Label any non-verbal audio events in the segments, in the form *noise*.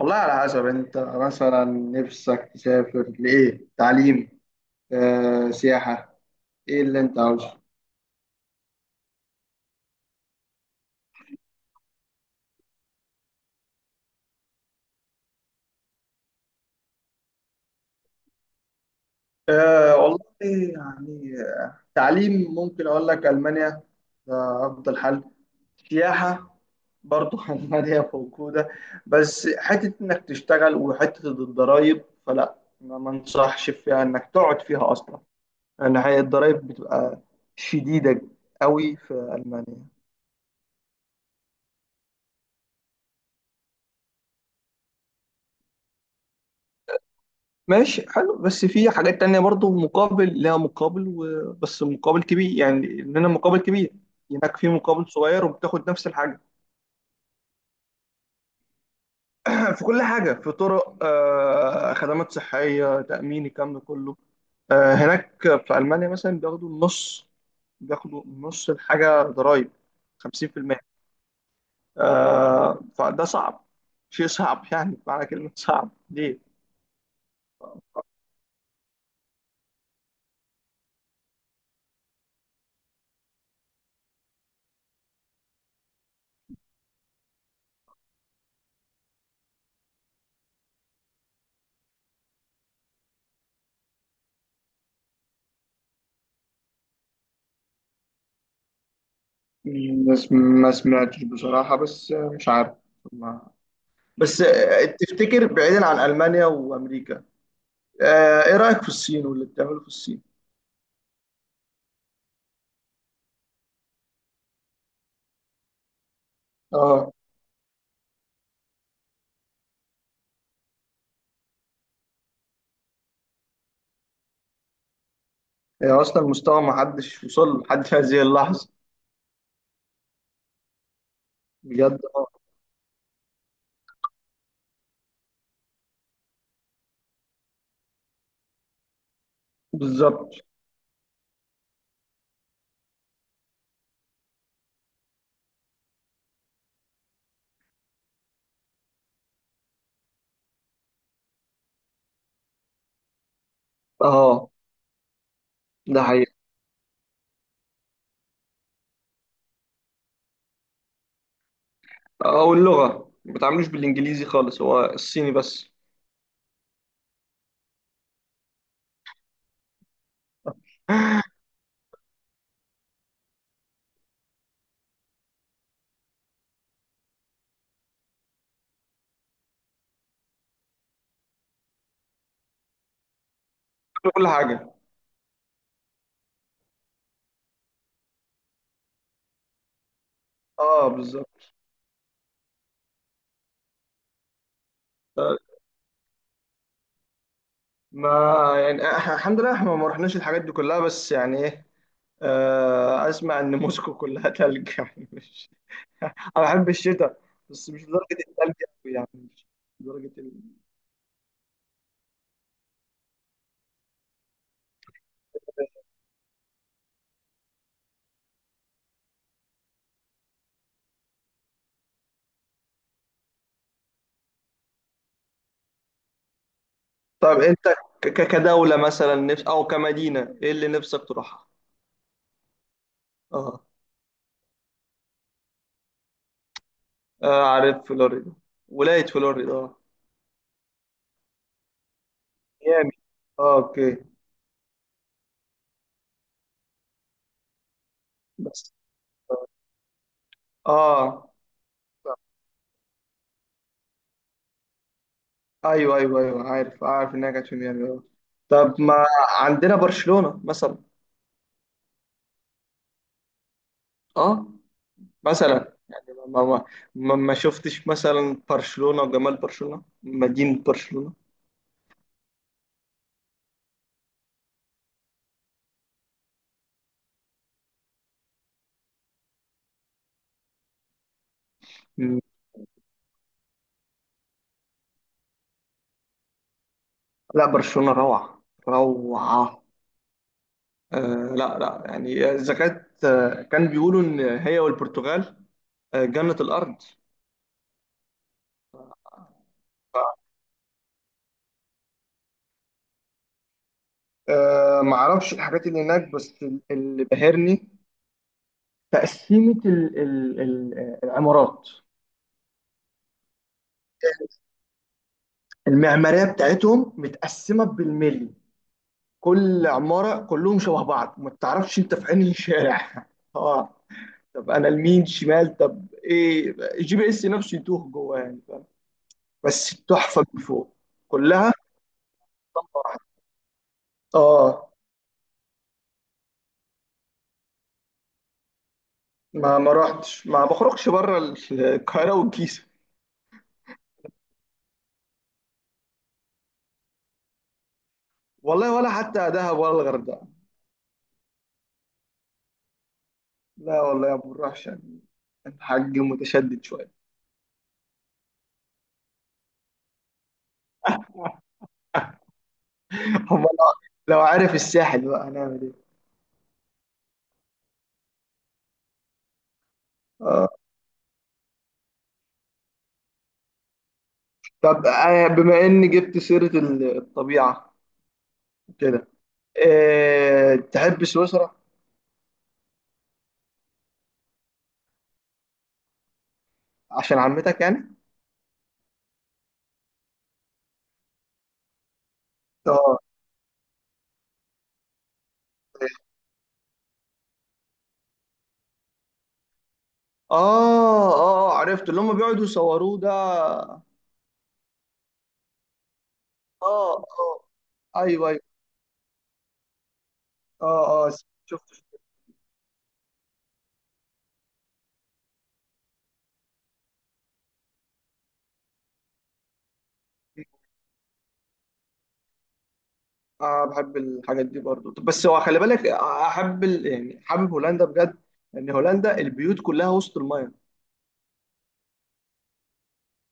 والله، على حسب انت مثلا نفسك تسافر لايه. تعليم، سياحة، ايه اللي انت عاوزه؟ والله يعني تعليم ممكن اقول لك المانيا. ده افضل حل. سياحة برضو *laughs* المانيا موجودة. بس حتة انك تشتغل وحتة الضرايب فلا، ما انصحش فيها انك تقعد فيها اصلا، لان هي الضرايب بتبقى شديدة قوي في المانيا. ماشي، حلو. بس في حاجات تانية برضو مقابل، لها مقابل بس مقابل كبير، يعني إننا مقابل كبير. هناك في مقابل صغير وبتاخد نفس الحاجة. *clears throat* في كل حاجة، في طرق، خدمات صحية، تأمين، الكلام ده كله. هناك في ألمانيا مثلا بياخدوا النص، بياخدوا نص الحاجة ضرايب، 50%. فده صعب، شيء صعب. يعني معنى كلمة صعب ليه؟ ما سم- ما سمعتش بصراحة، بس مش عارف. ما بس تفتكر بعيدا عن ألمانيا وأمريكا؟ إيه رأيك في الصين واللي بتعمله في الصين؟ آه هي أصلا مستوى ما حدش وصل له لحد هذه اللحظة. بجد، آه. بالظبط. آه، ده حقيقي. واللغة ما بتعاملوش بالإنجليزي خالص، هو الصيني بس. *laughs* في كل حاجة. آه، بالظبط. ما يعني إحنا الحمد لله إحنا ما رحناش الحاجات دي كلها، بس يعني إيه. أسمع إن موسكو كلها تلج *laughs* يعني مش انا بحب الشتاء. بس مش لدرجه الثلج أوي يعني. مش لدرجه طب انت كدوله مثلا نفس، او كمدينه، ايه اللي نفسك تروحها؟ اه. آه، عارف فلوريدا. ولايه فلوريدا، اه. ميامي، اه، اوكي. بس اه، آه، ايوه، ايوه، ايوه، عارف، عارف انها كانت في ميامي، اه. طب، ما عندنا برشلونه مثلا. اه. مثلا يعني ما شفتش مثلا برشلونه وجمال برشلونه، مدينه برشلونه. لا، برشلونة روعة، روعة. لا، لا، يعني إذا كانت كان بيقولوا إن هي والبرتغال جنة الأرض. ما أعرفش الحاجات اللي هناك، بس اللي بهرني تقسيمة ال ال ال العمارات. المعمارية بتاعتهم متقسمة بالملي. كل عمارة كلهم شبه بعض، ما تعرفش أنت في أنهي شارع *laughs* اه. طب أنا لمين، شمال؟ طب إيه، الGPS نفسه يتوه جوه يعني. بس تحفة من فوق، كلها. اه. ما رحتش، ما بخرجش بره القاهرة والجيزة. والله، ولا حتى دهب ولا الغردقة. لا والله ما بنروحش يعني، الحاج متشدد شوية. *laughs* هم، لو عارف الساحل بقى هنعمل ايه؟ اه. طب بما اني جبت سيرة الطبيعة كده، تحب سويسرا؟ عشان عمتك يعني؟ اه، اه، اه، عرفت اللي هم بيقعدوا يصوروه ده، اه. اه، ايوه، اه، اه، شفت. اه، بحب الحاجات دي برضو. طب بس هو خلي بالك، احب يعني حابب هولندا بجد. لان هولندا البيوت كلها وسط المايه.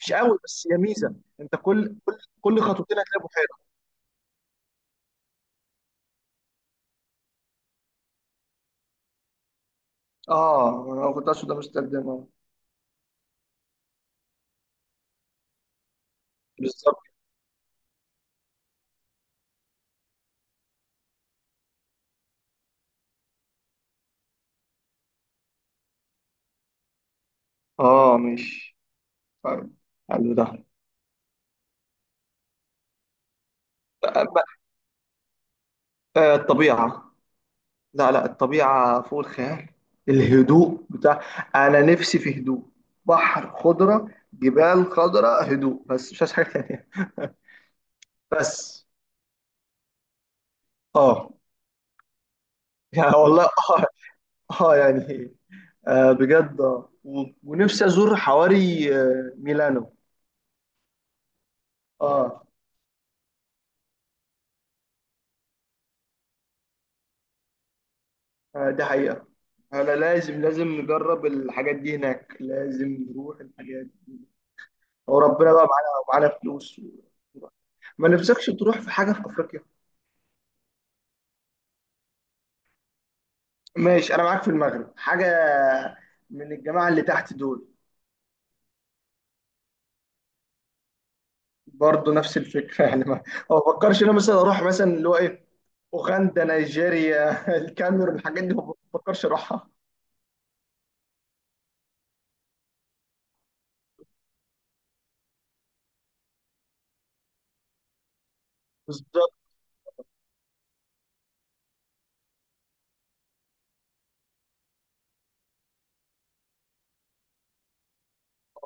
مش قوي بس هي ميزه. انت كل خطوتين هتلاقي بحيره. اه، انا كنت اقصد امستردام، اه. بالظبط. اه مش طيب. حلو ده. آه، الطبيعه. لا، لا، الطبيعه فوق الخيال. الهدوء انا نفسي في هدوء. بحر، خضره، جبال خضراء، هدوء، بس مش عايز حاجه تانيه. بس اه. *laughs* يعني والله، اه. يعني، بجد، آه. ونفسي ازور حواري ميلانو. اه. دي حقيقة. انا لازم، لازم نجرب الحاجات دي هناك، لازم نروح الحاجات دي. وربنا بقى معانا، ومعانا فلوس و... ما نفسكش تروح في حاجة في افريقيا؟ ماشي، انا معاك في المغرب. حاجة من الجماعة اللي تحت دول. برضه نفس الفكره *laughs* يعني ما بفكرش إن انا مثلا اروح، مثلا اللي هو ايه، اوغندا، نيجيريا *laughs* الكاميرون، الحاجات دي ما بفكرش اروحها. بالظبط.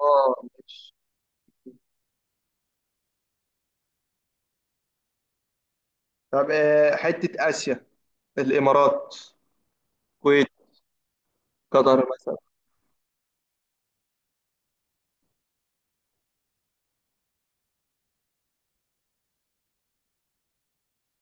اه، ماشي. طب حته اسيا، الامارات، الكويت، قطر مثلا.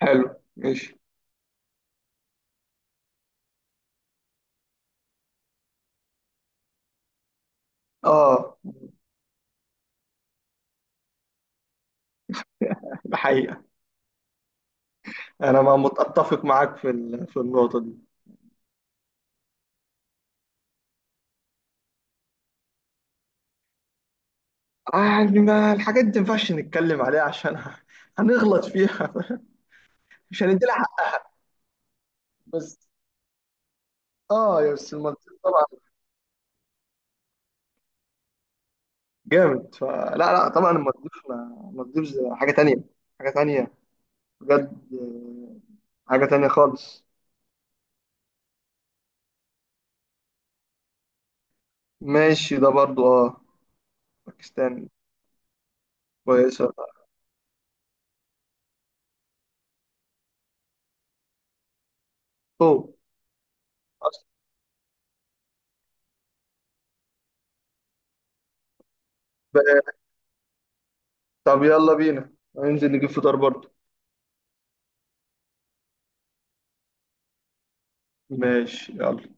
حلو، ماشي. اه، الحقيقه انا ما متفق معاك في في النقطه دي. يعني ما الحاجات دي، ما ينفعش نتكلم عليها عشان *laughs* هنغلط فيها. *laughs* مش هندي لها حق. بس اه، يا بس المالديف طبعا جامد. فلا، لا، لا، طبعا المالديف المالديف حاجه تانية، حاجه تانية، بجد حاجه تانية خالص. ماشي، ده برضو اه. باكستان كويسه. اوه، أصل بقى- طب يلا بينا هننزل نجيب فطار برضو. ماشي، يلا.